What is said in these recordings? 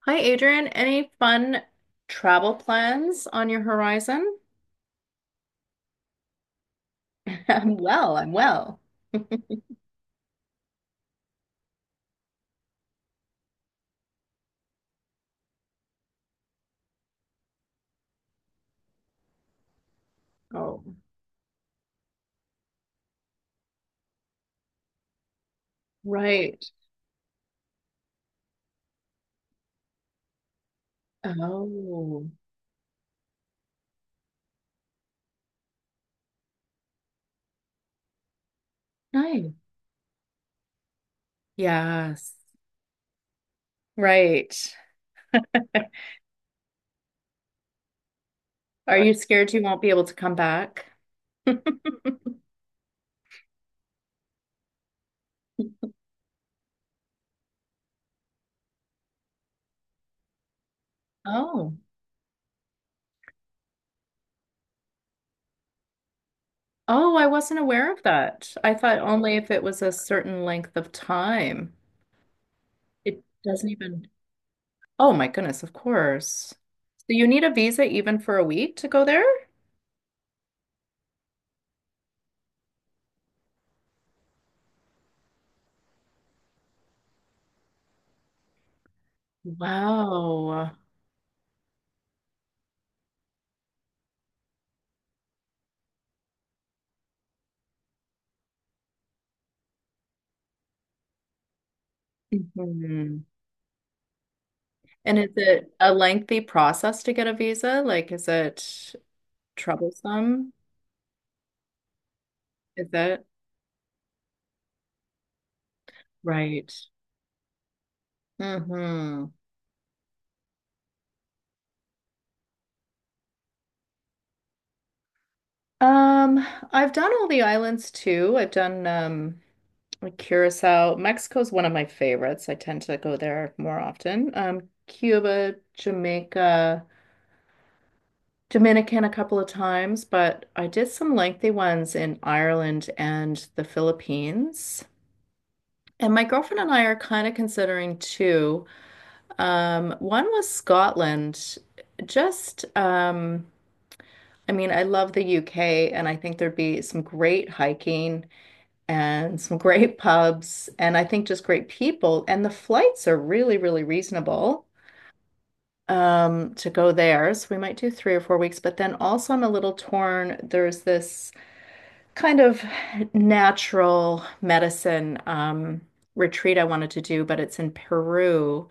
Hi, Adrian. Any fun travel plans on your horizon? I'm well. Oh, right. Oh, nice. Yes, right. Are you scared you won't be able to come back? Oh, oh, I wasn't aware of that. I thought only if it was a certain length of time. It doesn't even. Oh, my goodness, of course. So you need a visa even for a week to go there? Wow. Mhm. And is it a lengthy process to get a visa? Like, is it troublesome? Is it? Right. Mm-hmm. Um, I've done all the islands too. I've done like Curacao. Mexico's one of my favorites. I tend to go there more often. Cuba, Jamaica, Dominican a couple of times, but I did some lengthy ones in Ireland and the Philippines. And my girlfriend and I are kind of considering too. One was Scotland. Just, I mean, I love the UK, and I think there'd be some great hiking and some great pubs, and I think just great people. And the flights are really, really reasonable to go there. So we might do three or four weeks. But then also, I'm a little torn. There's this kind of natural medicine retreat I wanted to do, but it's in Peru.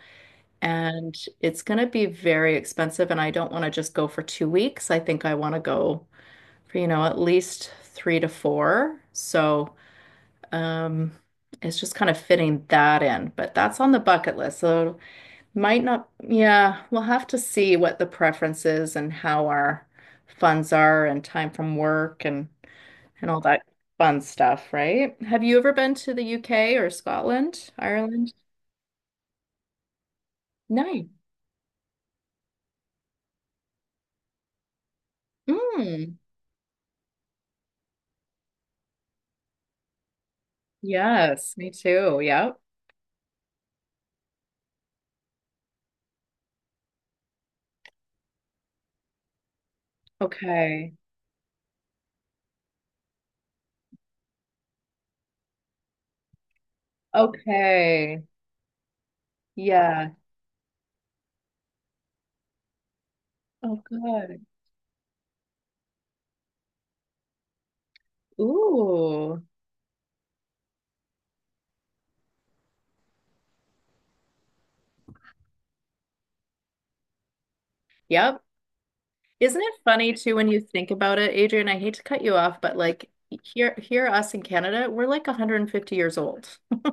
And it's going to be very expensive. And I don't want to just go for two weeks. I think I want to go for, you know, at least three to four. So, um, it's just kind of fitting that in, but that's on the bucket list. So, might not, yeah, we'll have to see what the preference is and how our funds are and time from work and all that fun stuff, right? Have you ever been to the UK or Scotland, Ireland? No. Mm. Yes, me too. Yep. Okay. Okay. Yeah. Oh, good. Ooh. Yep. Isn't it funny too when you think about it, Adrian? I hate to cut you off, but like here, us in Canada, we're like 150 years old.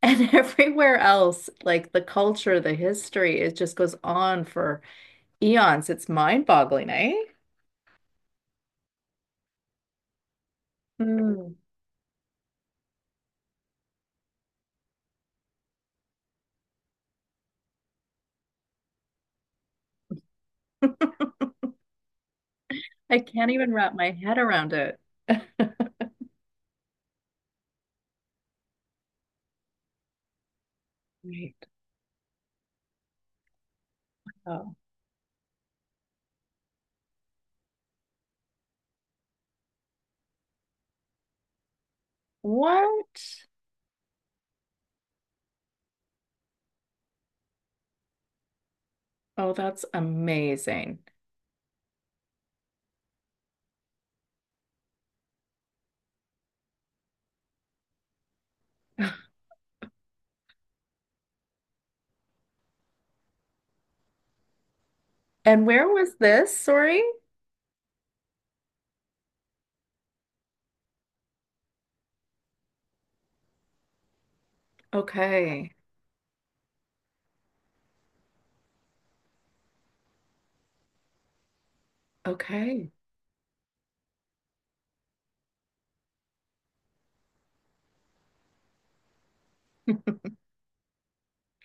And everywhere else, like the culture, the history, it just goes on for eons. It's mind-boggling, eh? Mm. I can't even wrap my head around it. Right. Oh. What? Oh, that's amazing. And where was this? Sorry. Okay. Okay.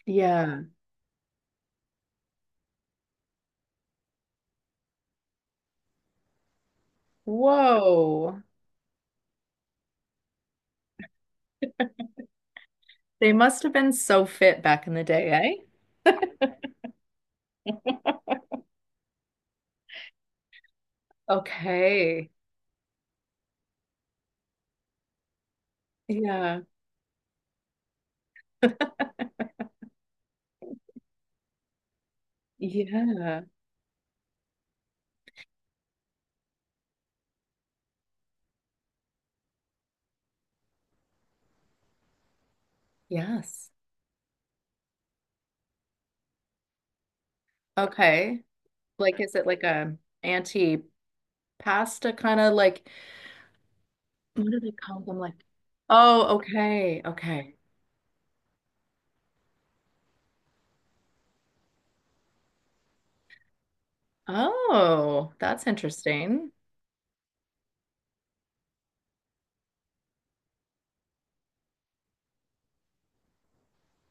Yeah. Whoa. They must have been so fit back in the day, eh? Okay. Yeah. Yeah. Yes. Okay. Like, is it like a anti-pasta kind of like, what do they call them? Like, oh, okay. Okay. Oh, that's interesting.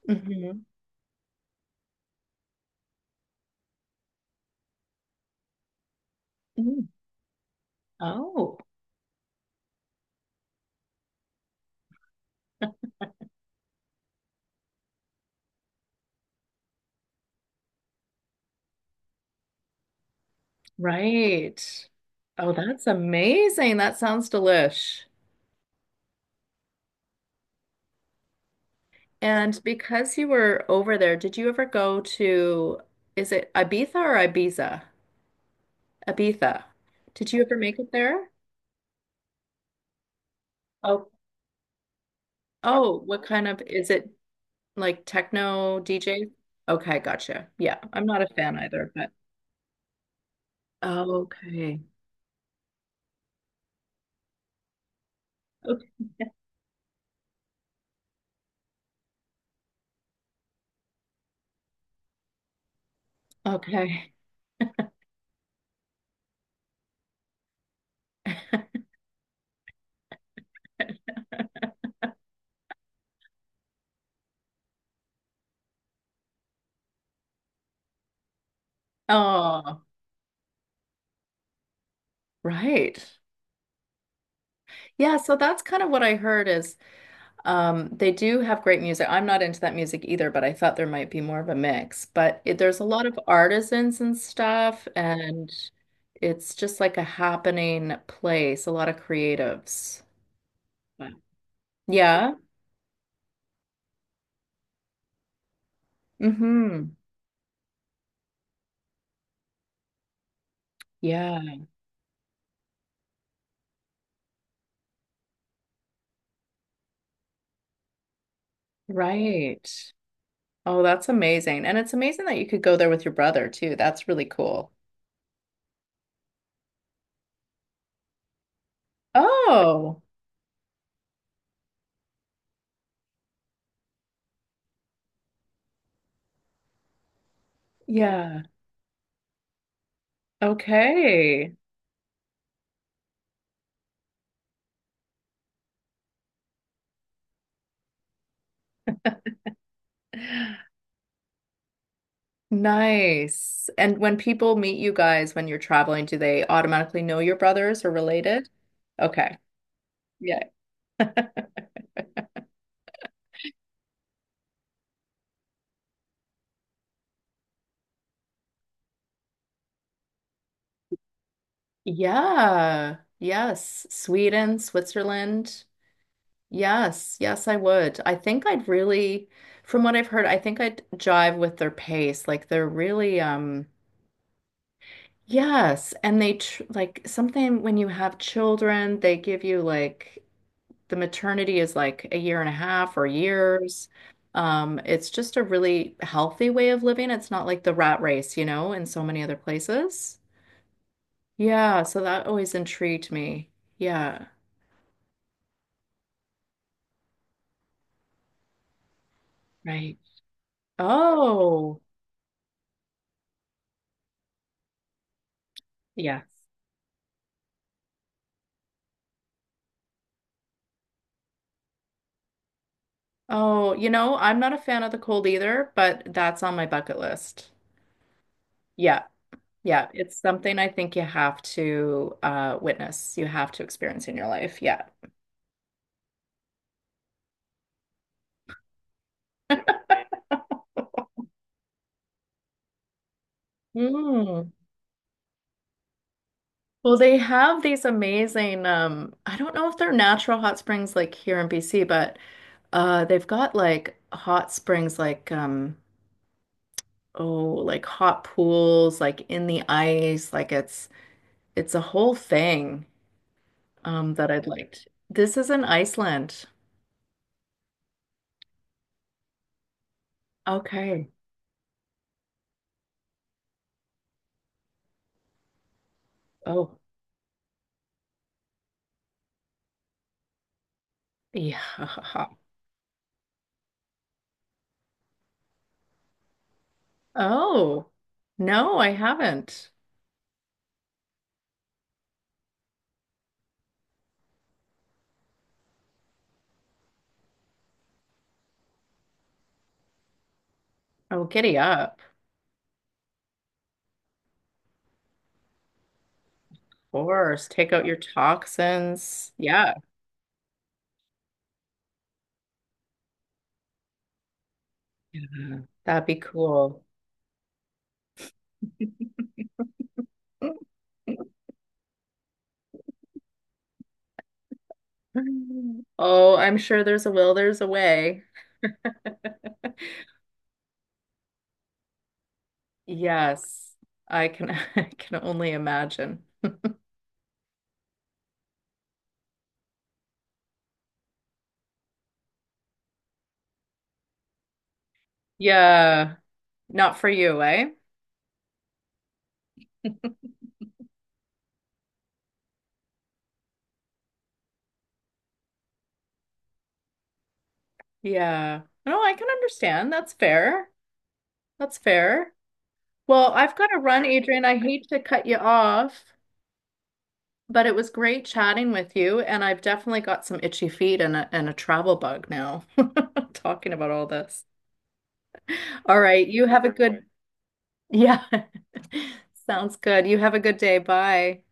Hmm. Oh. Right. Oh, that's amazing. That sounds delish. And because you were over there, did you ever go to, is it Ibiza or Ibiza? Ibiza. Did you ever make it there? Oh, oh, what kind of, is it like techno DJ? Okay, gotcha. Yeah, I'm not a fan either, but okay. Okay. Okay. Oh, right. Yeah, so that's kind of what I heard is they do have great music. I'm not into that music either, but I thought there might be more of a mix. But it, there's a lot of artisans and stuff, and it's just like a happening place, a lot of creatives. Wow. Yeah. Mm-hmm. Yeah. Right. Oh, that's amazing. And it's amazing that you could go there with your brother too. That's really cool. Oh, yeah. Okay. Nice. And when people meet you guys when you're traveling, do they automatically know your brothers or related? Okay. Yeah. Yeah. Yes. Sweden, Switzerland. Yes. Yes, I would. I think I'd really, from what I've heard, I think I'd jive with their pace. Like they're really, yes. And they tr like something when you have children, they give you like the maternity is like a year and a half or years. It's just a really healthy way of living. It's not like the rat race, you know, in so many other places. Yeah, so that always intrigued me. Yeah, right. Oh, yeah. Oh, you know, I'm not a fan of the cold either, but that's on my bucket list. Yeah, yeah. It's something I think you have to witness, you have to experience in your life. Yeah. Mm. Well, they have these amazing, I don't know if they're natural hot springs like here in BC, but they've got like hot springs oh, like hot pools like in the ice, like it's a whole thing that I'd liked. This is in Iceland. Okay. Oh, yeah. Oh, no, I haven't. Oh, giddy up. Of course, take out your toxins. Yeah. Yeah. That'd be cool. Oh, I'm sure there's a will, there's a way. Yes, I can I can only imagine. Yeah, not for you, eh? Yeah. No, I can understand. That's fair. That's fair. Well, I've got to run, Adrian. I hate to cut you off, but it was great chatting with you, and I've definitely got some itchy feet and a travel bug now, talking about all this. All right, you have a good, yeah. Sounds good. You have a good day. Bye.